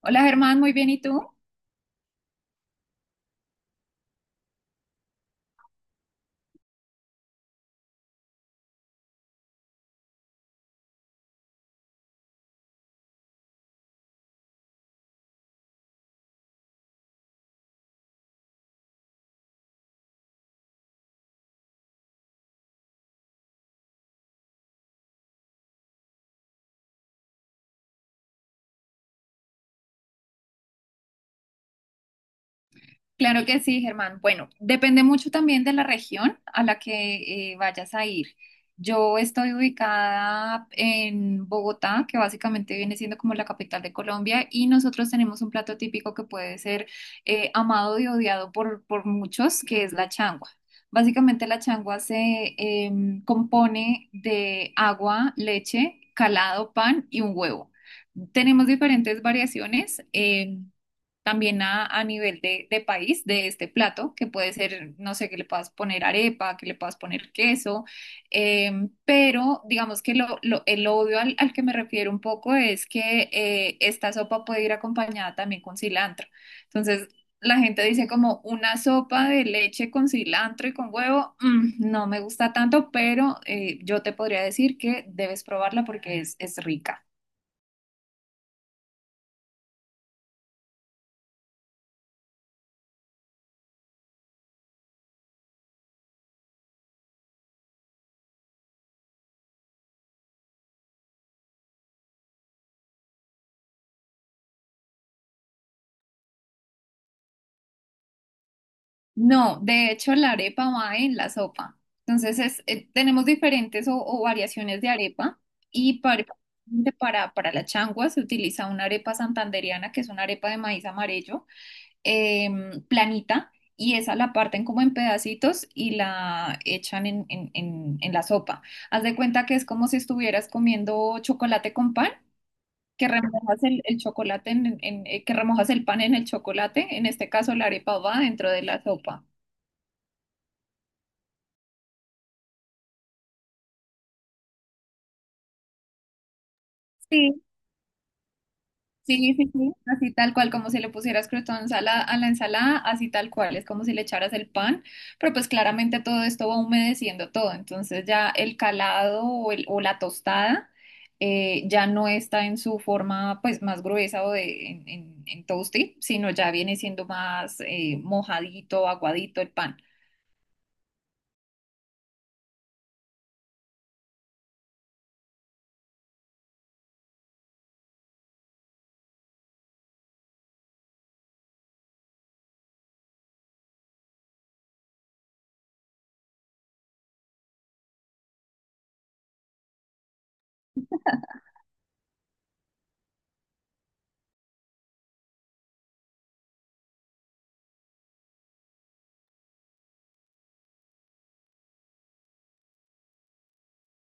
Hola Germán, muy bien, ¿y tú? Claro que sí, Germán. Bueno, depende mucho también de la región a la que vayas a ir. Yo estoy ubicada en Bogotá, que básicamente viene siendo como la capital de Colombia, y nosotros tenemos un plato típico que puede ser amado y odiado por muchos, que es la changua. Básicamente la changua se compone de agua, leche, calado, pan y un huevo. Tenemos diferentes variaciones. También a nivel de país de este plato, que puede ser, no sé, que le puedas poner arepa, que le puedas poner queso, pero digamos que el odio al que me refiero un poco es que esta sopa puede ir acompañada también con cilantro. Entonces, la gente dice como una sopa de leche con cilantro y con huevo, mm, no me gusta tanto, pero yo te podría decir que debes probarla porque es rica. No, de hecho la arepa va en la sopa. Entonces es, tenemos diferentes o variaciones de arepa y la changua se utiliza una arepa santandereana que es una arepa de maíz amarillo. Planita, y esa la parten como en pedacitos y la echan en la sopa. Haz de cuenta que es como si estuvieras comiendo chocolate con pan, que remojas el chocolate en… que remojas el pan en el chocolate, en este caso la arepa va dentro de la sopa. Sí. Sí, sí, sí, así tal cual, como si le pusieras croutons a a la ensalada, así tal cual, es como si le echaras el pan, pero pues claramente todo esto va humedeciendo todo, entonces ya el calado o la tostada ya no está en su forma pues más gruesa o de, en toasty, sino ya viene siendo más mojadito, aguadito el pan.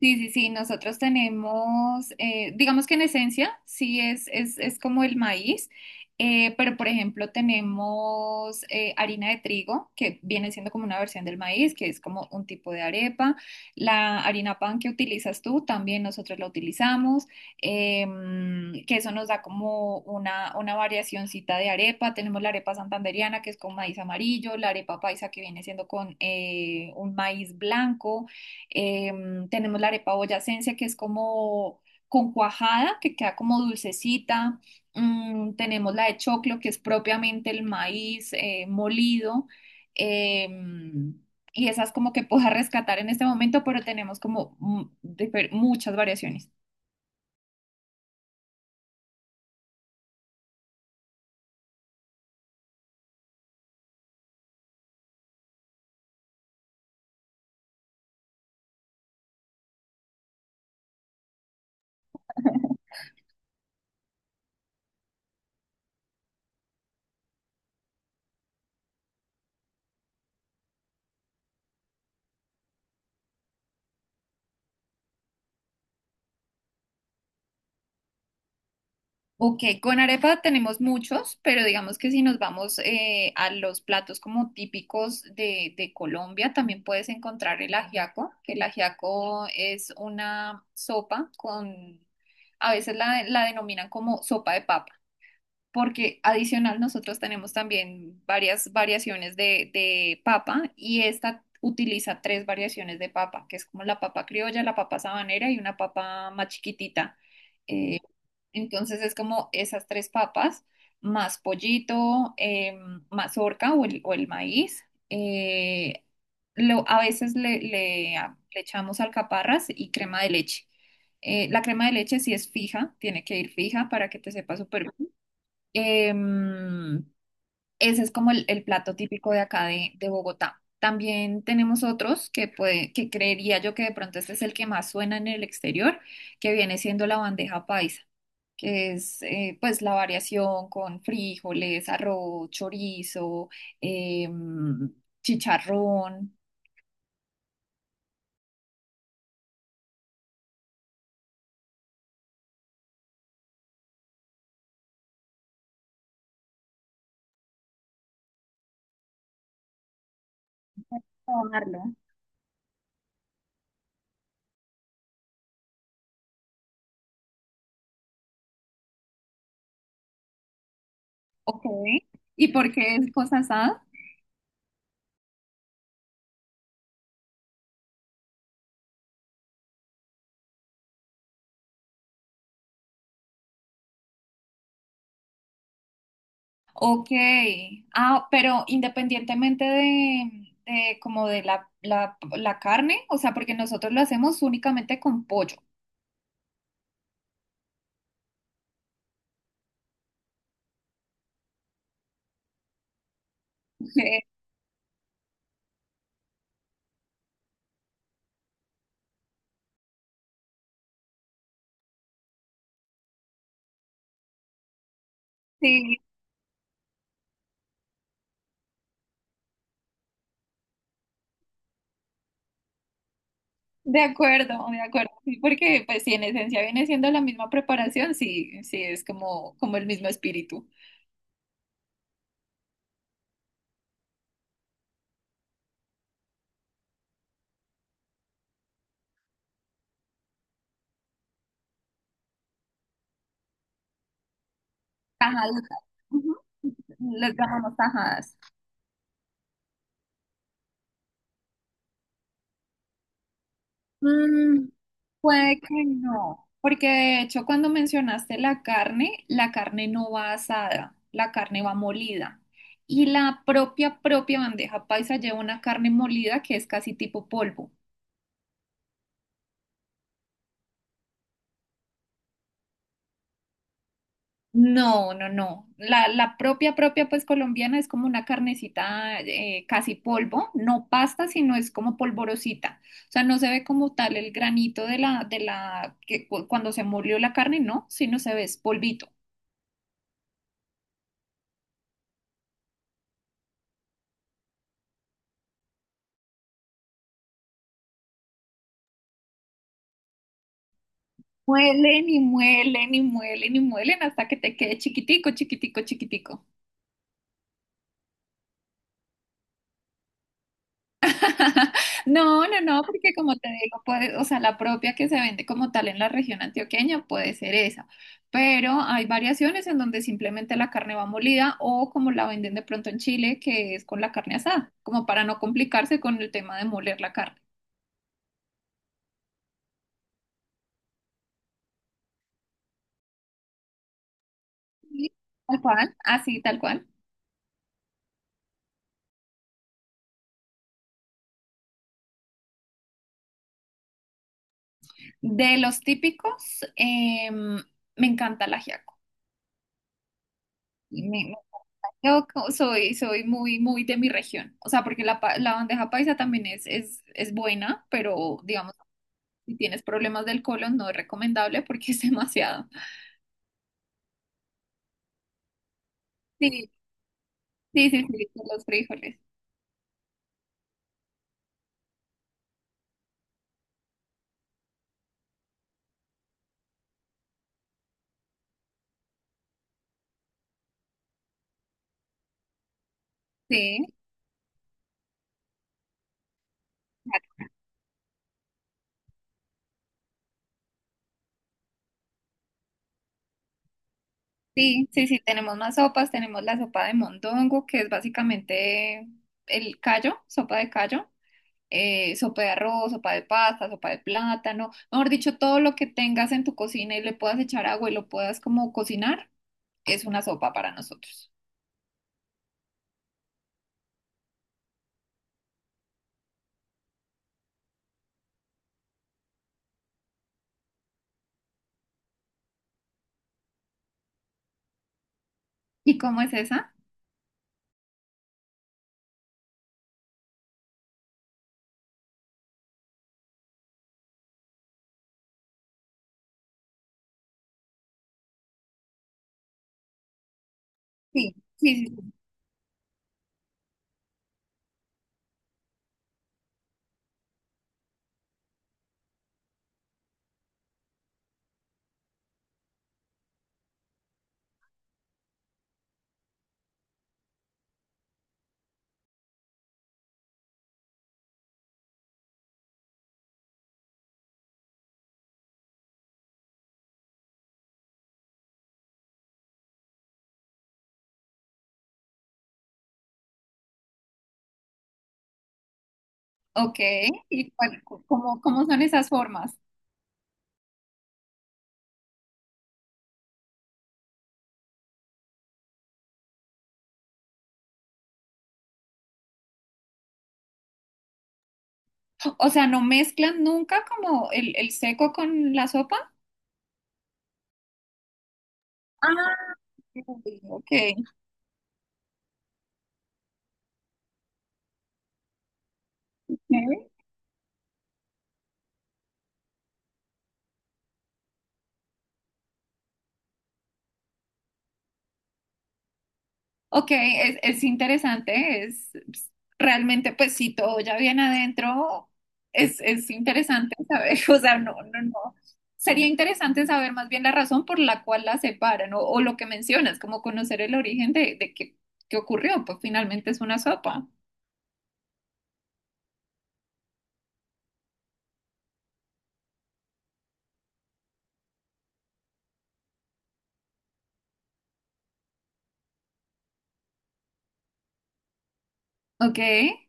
Sí, sí, sí, nosotros tenemos, digamos que en esencia, sí es como el maíz, pero por ejemplo tenemos harina de trigo, que viene siendo como una versión del maíz, que es como un tipo de arepa. La harina pan que utilizas tú, también nosotros la utilizamos, que eso nos da como una variacioncita de arepa. Tenemos la arepa santandereana, que es con maíz amarillo, la arepa paisa, que viene siendo con un maíz blanco. Tenemos la arepa boyacense, que es como con cuajada, que queda como dulcecita. Mm, tenemos la de choclo, que es propiamente el maíz molido. Em, y esas como que puedo rescatar en este momento, pero tenemos como mm, muchas variaciones. Ok, con arepa tenemos muchos, pero digamos que si nos vamos a los platos como típicos de Colombia, también puedes encontrar el ajiaco, que el ajiaco es una sopa con, a veces la denominan como sopa de papa, porque adicional nosotros tenemos también varias variaciones de papa y esta utiliza tres variaciones de papa, que es como la papa criolla, la papa sabanera y una papa más chiquitita. eh, entonces es como esas tres papas, más pollito, mazorca o el maíz. eh, a veces le echamos alcaparras y crema de leche. La crema de leche sí es fija, tiene que ir fija para que te sepa súper bien. Em, Ese es como el plato típico de acá de Bogotá. También tenemos otros que, puede, que creería yo que de pronto este es el que más suena en el exterior, que viene siendo la bandeja paisa, que es pues la variación con frijoles, arroz, chorizo, em, chicharrón. Probarlo. Ok. ¿Y por qué es cosa asada? Ok. Ah, pero independientemente de como de la carne, o sea, porque nosotros lo hacemos únicamente con pollo. Ok, sí, de acuerdo, de acuerdo. Sí, porque pues si en esencia viene siendo la misma preparación, sí, sí, es como, como el mismo espíritu. Tajaditas. Ujú. Les llamamos tajadas. Mm, puede que no, porque de hecho cuando mencionaste la carne no va asada, la carne va molida. Y la propia, propia bandeja paisa lleva una carne molida que es casi tipo polvo. No, no, no. La propia, propia, pues colombiana es como una carnecita casi polvo, no pasta, sino es como polvorosita. O sea, no se ve como tal el granito de que cuando se molió la carne, no, sino se ve es polvito. Muelen y muelen y muelen y muelen hasta que te quede chiquitico, chiquitico, chiquitico. No, no, no, porque como te digo, puede, o sea, la propia que se vende como tal en la región antioqueña puede ser esa, pero hay variaciones en donde simplemente la carne va molida o como la venden de pronto en Chile, que es con la carne asada, como para no complicarse con el tema de moler la carne. Sí, tal cual, así tal cual. De los típicos, me encanta el ajiaco. Y yo soy, soy muy, muy de mi región. O sea, porque la bandeja paisa también es buena, pero digamos, si tienes problemas del colon, no es recomendable porque es demasiado. Sí, sí, sí, sí, por los frijoles. Sí, sí, sí, sí, tenemos más sopas, tenemos la sopa de mondongo, que es básicamente el callo, sopa de arroz, sopa de pasta, sopa de plátano, mejor dicho, todo lo que tengas en tu cocina y le puedas echar agua y lo puedas como cocinar, es una sopa para nosotros. ¿Y cómo es esa? Sí, sí, sí, sí. Ok, ¿cómo, cómo son esas formas? O sea, ¿no mezclan nunca como el seco con la sopa? Ah, ok. Ok, es interesante, es realmente, pues si todo ya viene adentro, es interesante saber, o sea, no, no, no. Sería interesante saber más bien la razón por la cual la separan o lo que mencionas, como conocer el origen de qué, qué ocurrió, pues finalmente es una sopa. Ok, de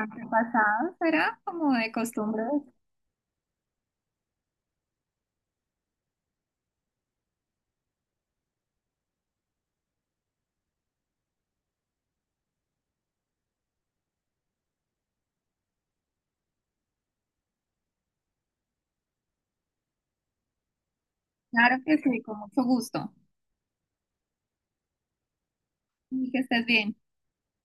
antepasados será como de costumbre. Claro que sí, con mucho gusto. Y que estés bien.